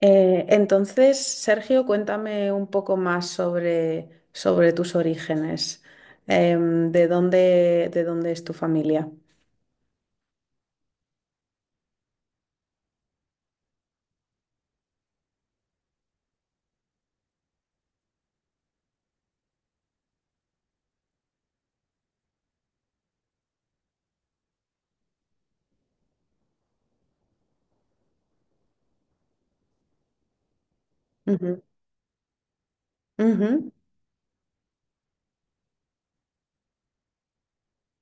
Entonces, Sergio, cuéntame un poco más sobre tus orígenes. ¿De dónde, de dónde es tu familia? Ujú, ujú.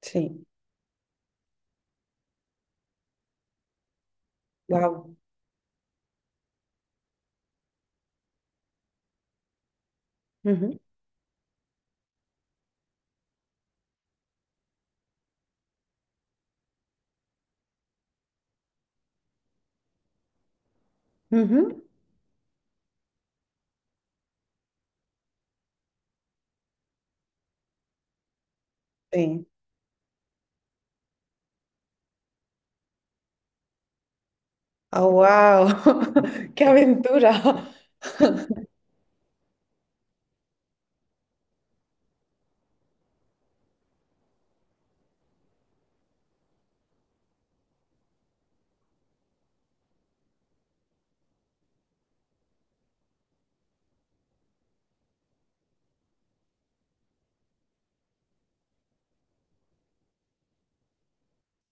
Sí. Wow. Sí. Oh, wow. ¡Qué aventura!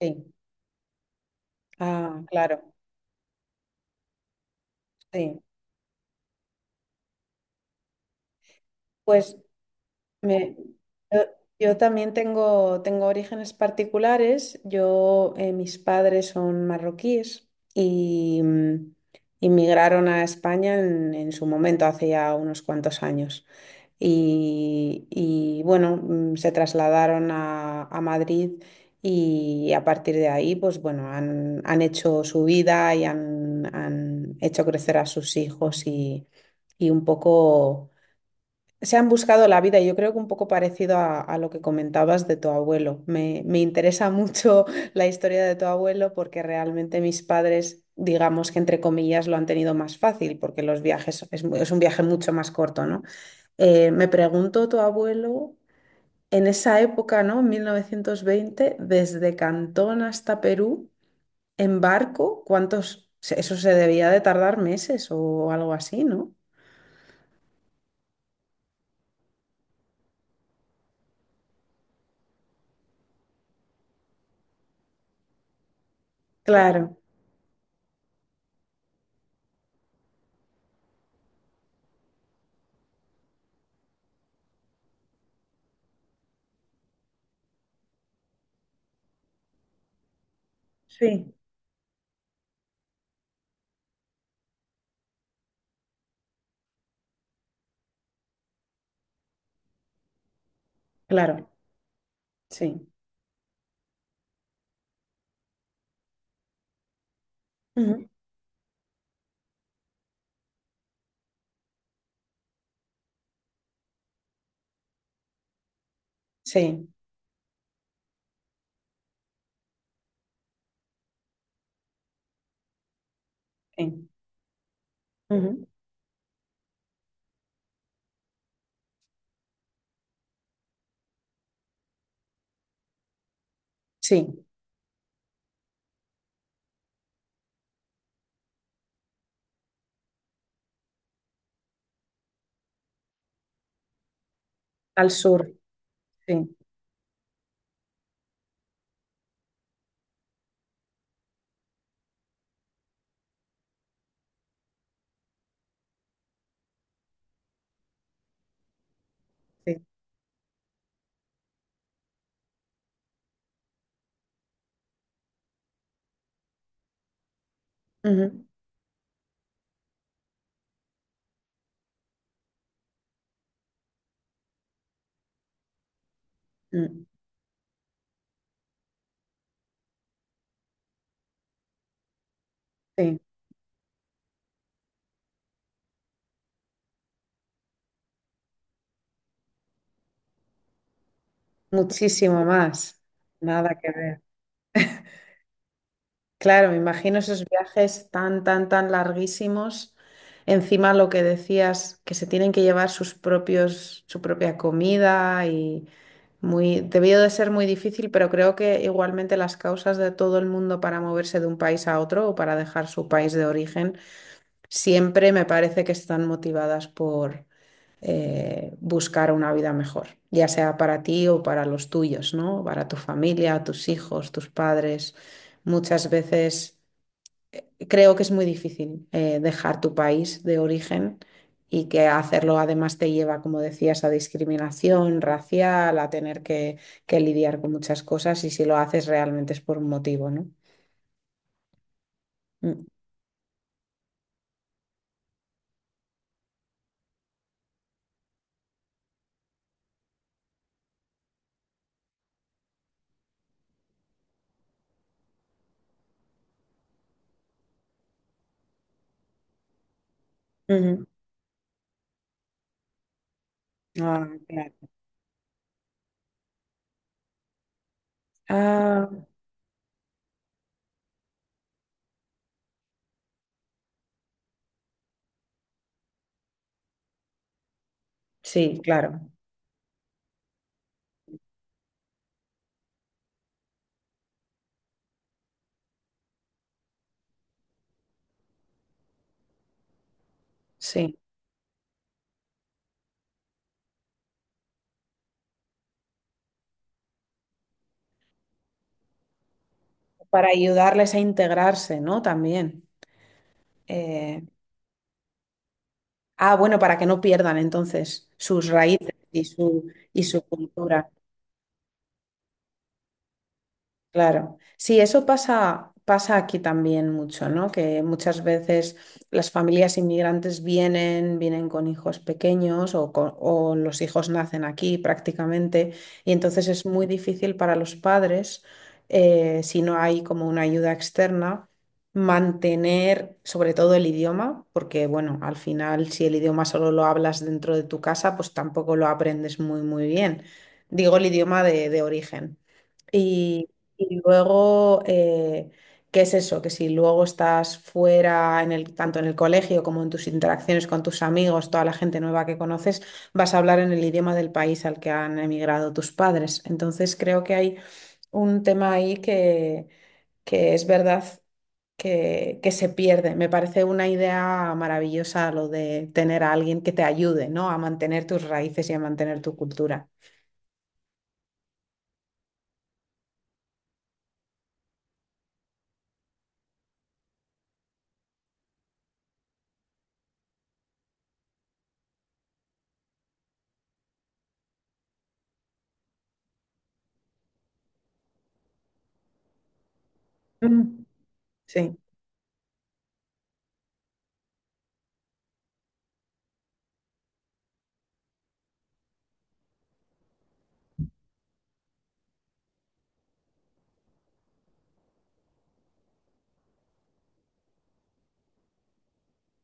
Sí. Ah, claro. Sí. Pues Me- yo, yo también tengo, tengo orígenes particulares. Yo, mis padres son marroquíes y inmigraron a España en su momento, hace ya unos cuantos años. Y, bueno, se trasladaron a Madrid y a partir de ahí, pues bueno, han, han hecho su vida y han, han hecho crecer a sus hijos y un poco... Se han buscado la vida y yo creo que un poco parecido a lo que comentabas de tu abuelo. Me interesa mucho la historia de tu abuelo porque realmente mis padres, digamos que entre comillas, lo han tenido más fácil porque los viajes es, es un viaje mucho más corto, ¿no? Me preguntó tu abuelo en esa época, ¿no? 1920, desde Cantón hasta Perú, en barco, ¿cuántos? Eso se debía de tardar meses o algo así, ¿no? Claro, sí, claro, sí. Ujú. Sí, sí, ujú. Sí, al sur, sí, sí, ujú, mm, sí, muchísimo más, nada que ver. Claro, me imagino esos viajes tan, tan, tan larguísimos, encima lo que decías, que se tienen que llevar sus propios, su propia comida y muy, debió de ser muy difícil, pero creo que igualmente las causas de todo el mundo para moverse de un país a otro o para dejar su país de origen siempre me parece que están motivadas por buscar una vida mejor, ya sea para ti o para los tuyos, ¿no? Para tu familia, tus hijos, tus padres. Muchas veces creo que es muy difícil dejar tu país de origen y que hacerlo además te lleva, como decías, a discriminación racial, a tener que lidiar con muchas cosas y si lo haces realmente es por un motivo, ¿no? Mm. Ujú. Ah, claro. Ah, sí, claro, sí. Para ayudarles a integrarse, ¿no? También. Eh, ah, bueno, para que no pierdan entonces sus raíces y su cultura. Claro, sí, eso pasa, pasa aquí también mucho, ¿no? Que muchas veces las familias inmigrantes vienen, vienen con hijos pequeños o, o los hijos nacen aquí prácticamente, y entonces es muy difícil para los padres, si no hay como una ayuda externa, mantener sobre todo el idioma, porque bueno, al final si el idioma solo lo hablas dentro de tu casa, pues tampoco lo aprendes muy, muy bien. Digo el idioma de origen. Y, y luego, ¿qué es eso? Que si luego estás fuera, en el, tanto en el colegio como en tus interacciones con tus amigos, toda la gente nueva que conoces, vas a hablar en el idioma del país al que han emigrado tus padres. Entonces, creo que hay un tema ahí que es verdad que se pierde. Me parece una idea maravillosa lo de tener a alguien que te ayude, ¿no? A mantener tus raíces y a mantener tu cultura. Mm. Sí,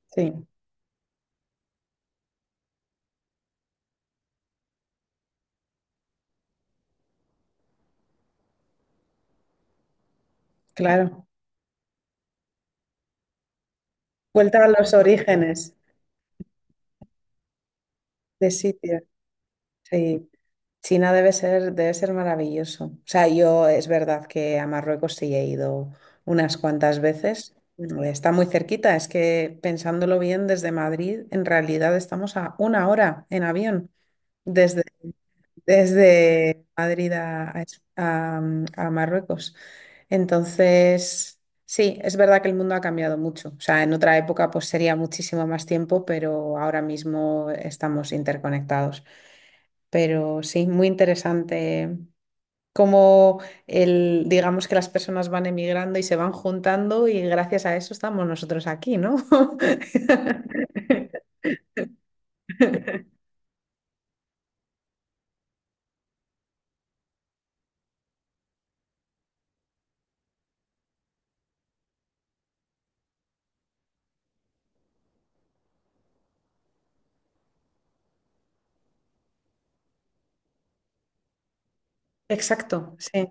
sí, claro. Vuelta a los orígenes de sitio. Sí, China debe ser maravilloso. O sea, yo es verdad que a Marruecos sí he ido unas cuantas veces. Mm, está muy cerquita, es que pensándolo bien, desde Madrid en realidad estamos a una hora en avión desde desde Madrid a, a, mm, a Marruecos. Entonces, sí, es verdad que el mundo ha cambiado mucho. O sea, en otra época pues sería muchísimo más tiempo, pero ahora mismo estamos interconectados. Pero sí, muy interesante cómo el, digamos que las personas van emigrando y se van juntando y gracias a eso estamos nosotros aquí, ¿no? Exacto, sí,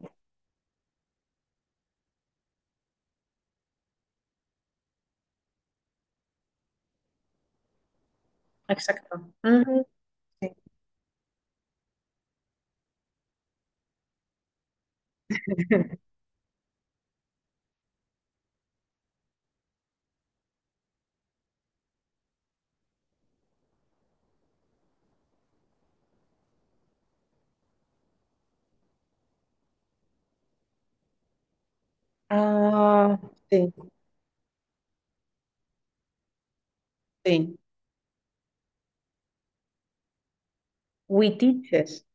exacto. Ujú, sí. Ah, sí. Sí. Huitiches.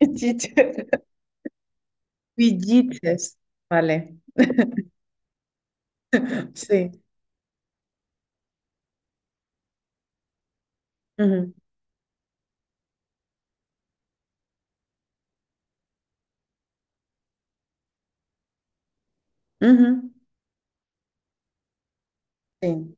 Huitiches. Huilliches. Vale. Sí. Ujú, ujú. Sí.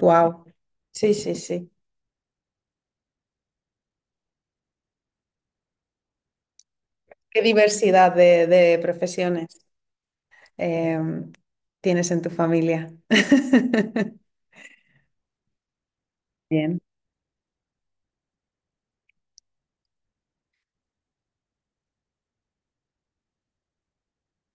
Wow. Sí, sí, sí. Qué diversidad de profesiones eh, tienes en tu familia. Bien.